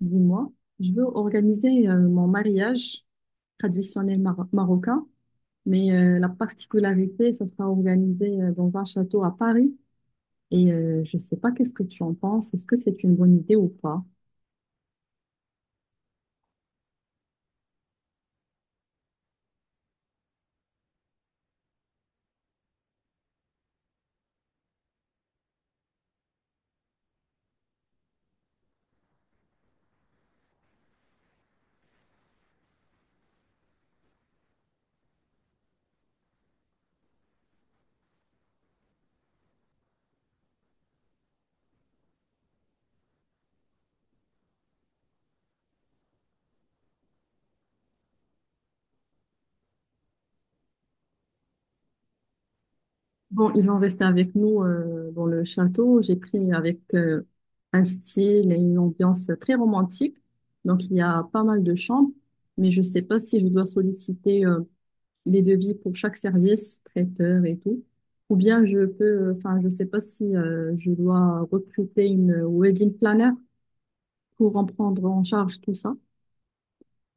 Dis-moi, je veux organiser mon mariage traditionnel marocain, mais la particularité, ça sera organisé dans un château à Paris. Et je ne sais pas qu'est-ce que tu en penses, est-ce que c'est une bonne idée ou pas? Bon, ils vont rester avec nous dans le château. J'ai pris avec un style et une ambiance très romantique. Donc, il y a pas mal de chambres, mais je ne sais pas si je dois solliciter les devis pour chaque service, traiteur et tout. Ou bien je peux, enfin, je sais pas si je dois recruter une wedding planner pour en prendre en charge tout ça.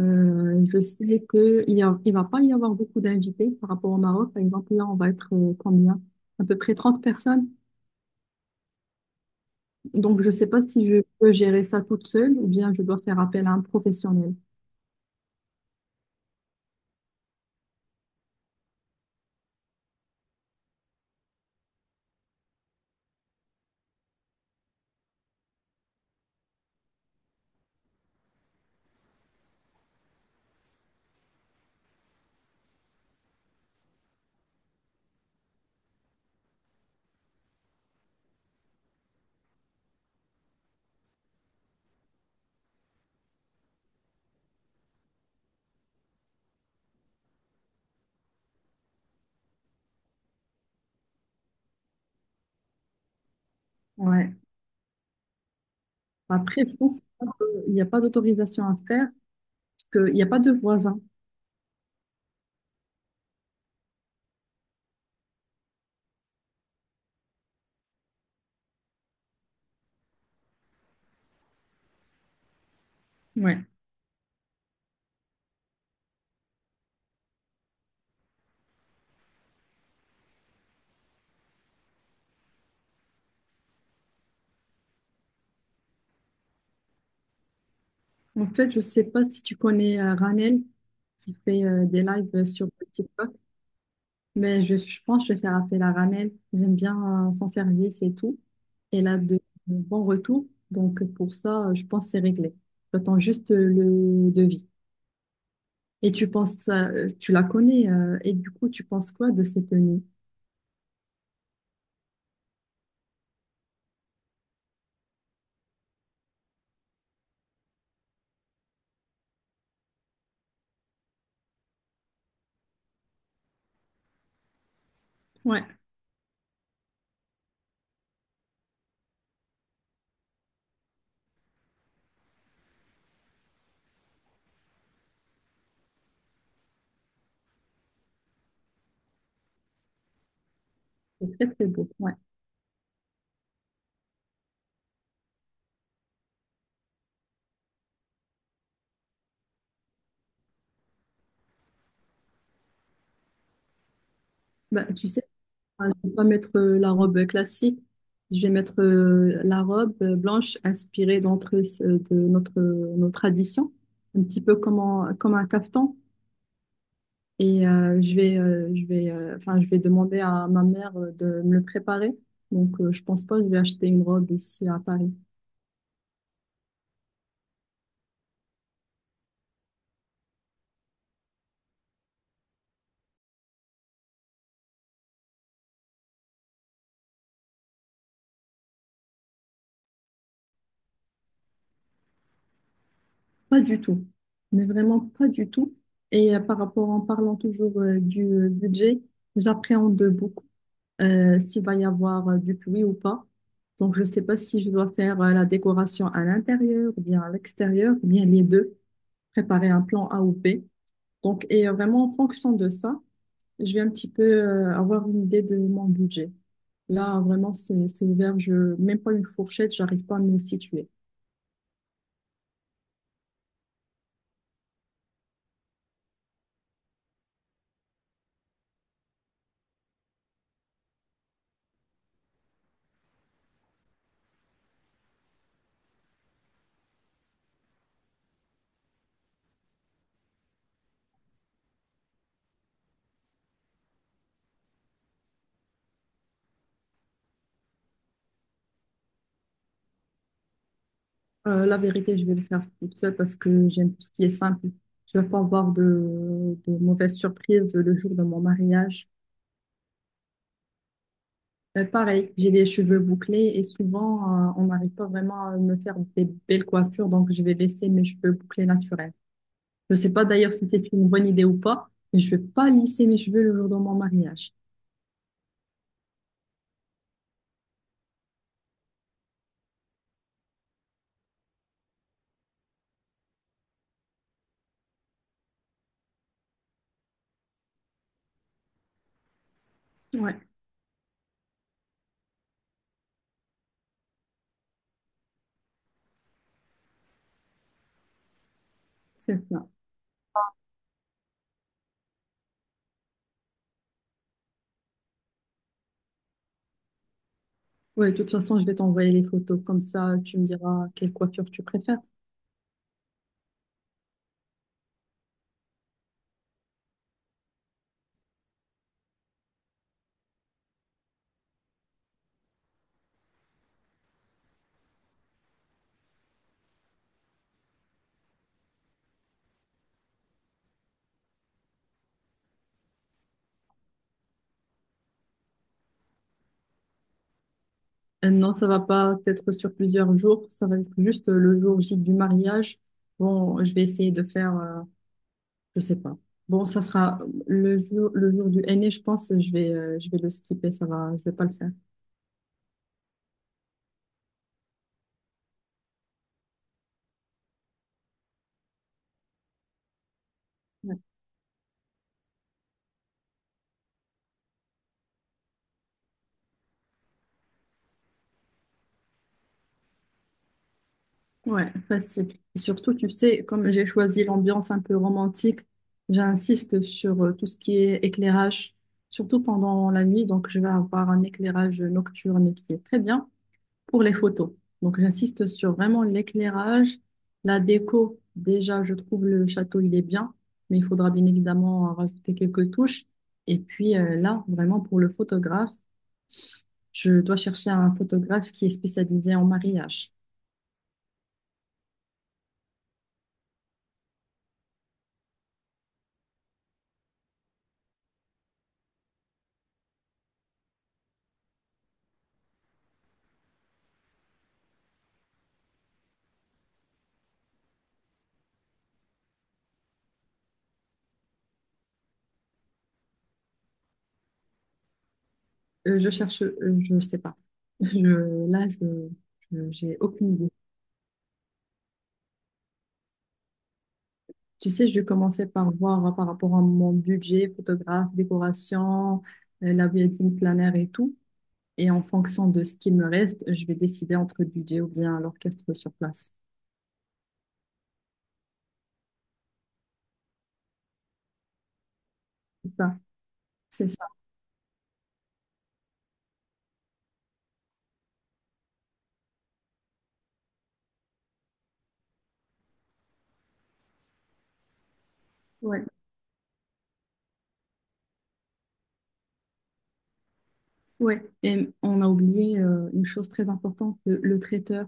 Je sais que il va pas y avoir beaucoup d'invités par rapport au Maroc. Par exemple, là, on va être combien? À peu près 30 personnes. Donc, je sais pas si je peux gérer ça toute seule ou bien je dois faire appel à un professionnel. Ouais. Après, je pense qu'il n'y a pas d'autorisation à faire parce qu'il n'y a pas de voisins. Ouais. En fait, je sais pas si tu connais Ranel qui fait des lives sur TikTok, mais je pense que je vais faire appel à Ranel. J'aime bien son service et tout. Elle a de bons retours. Donc pour ça, je pense que c'est réglé. J'attends juste le devis. Et tu penses, tu la connais, et du coup, tu penses quoi de cette tenue? Ouais, c'est très très beau. Ouais. Bah, tu sais, enfin, je vais pas mettre la robe classique, je vais mettre la robe blanche inspirée de nos traditions, un petit peu comme, comme un caftan. Et je vais demander à ma mère de me le préparer. Donc, je pense pas que je vais acheter une robe ici à Paris. Pas du tout. Mais vraiment pas du tout. Et par rapport, en parlant toujours du budget, j'appréhende beaucoup. S'il va y avoir du pluie ou pas. Donc, je ne sais pas si je dois faire la décoration à l'intérieur ou bien à l'extérieur, ou bien les deux, préparer un plan A ou B. Donc, et vraiment, en fonction de ça, je vais un petit peu avoir une idée de mon budget. Là, vraiment, c'est ouvert. Je, même pas une fourchette, j'arrive pas à me situer. La vérité, je vais le faire toute seule parce que j'aime tout ce qui est simple. Je ne veux pas avoir de mauvaises surprises le jour de mon mariage. Pareil, j'ai les cheveux bouclés et souvent, on n'arrive pas vraiment à me faire des belles coiffures, donc je vais laisser mes cheveux bouclés naturels. Je sais pas d'ailleurs si c'est une bonne idée ou pas, mais je vais pas lisser mes cheveux le jour de mon mariage. Ouais, c'est ça. Ouais, de toute façon, je vais t'envoyer les photos, comme ça, tu me diras quelle coiffure tu préfères. Non, ça va pas être sur plusieurs jours, ça va être juste le jour J du mariage. Bon, je vais essayer de faire je sais pas. Bon, ça sera le jour du henné, je pense, je vais le skipper, ça va, je vais pas le faire. Ouais, ouais, facile. Et surtout, tu sais, comme j'ai choisi l'ambiance un peu romantique, j'insiste sur tout ce qui est éclairage, surtout pendant la nuit, donc je vais avoir un éclairage nocturne qui est très bien pour les photos. Donc, j'insiste sur vraiment l'éclairage, la déco. Déjà, je trouve le château, il est bien, mais il faudra bien évidemment rajouter quelques touches. Et puis là, vraiment pour le photographe, je dois chercher un photographe qui est spécialisé en mariage. Je cherche, je ne sais pas. Là, j'ai aucune idée. Tu sais, je commençais par voir par rapport à mon budget, photographe, décoration, la wedding planner et tout. Et en fonction de ce qu'il me reste, je vais décider entre DJ ou bien l'orchestre sur place. C'est ça, c'est ça. Ouais, ouais. Et on a oublié une chose très importante, le traiteur.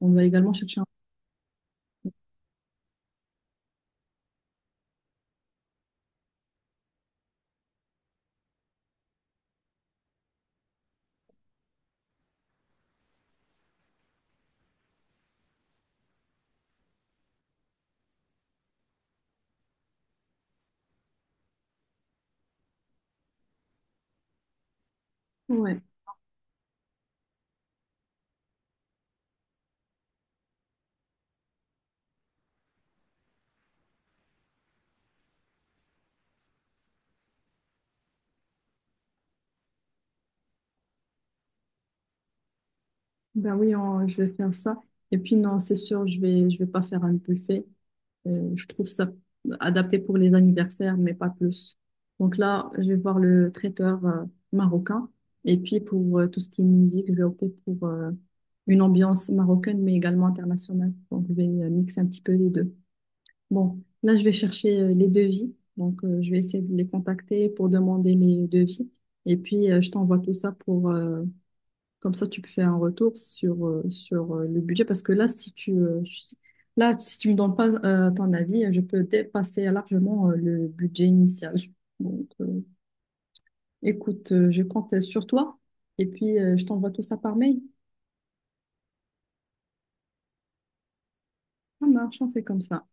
On doit également chercher un... Ouais, ben oui, je vais faire ça. Et puis non, c'est sûr, je vais pas faire un buffet. Je trouve ça adapté pour les anniversaires, mais pas plus. Donc là, je vais voir le traiteur marocain. Et puis pour tout ce qui est musique, je vais opter pour une ambiance marocaine, mais également internationale. Donc je vais mixer un petit peu les deux. Bon, là, je vais chercher les devis. Donc je vais essayer de les contacter pour demander les devis. Et puis je t'envoie tout ça pour, comme ça, tu fais un retour sur, sur le budget. Parce que là, si tu là, si tu me donnes pas ton avis, je peux dépasser largement le budget initial. Donc, écoute, je compte sur toi. Et puis, je t'envoie tout ça par mail. Ça marche, on fait comme ça.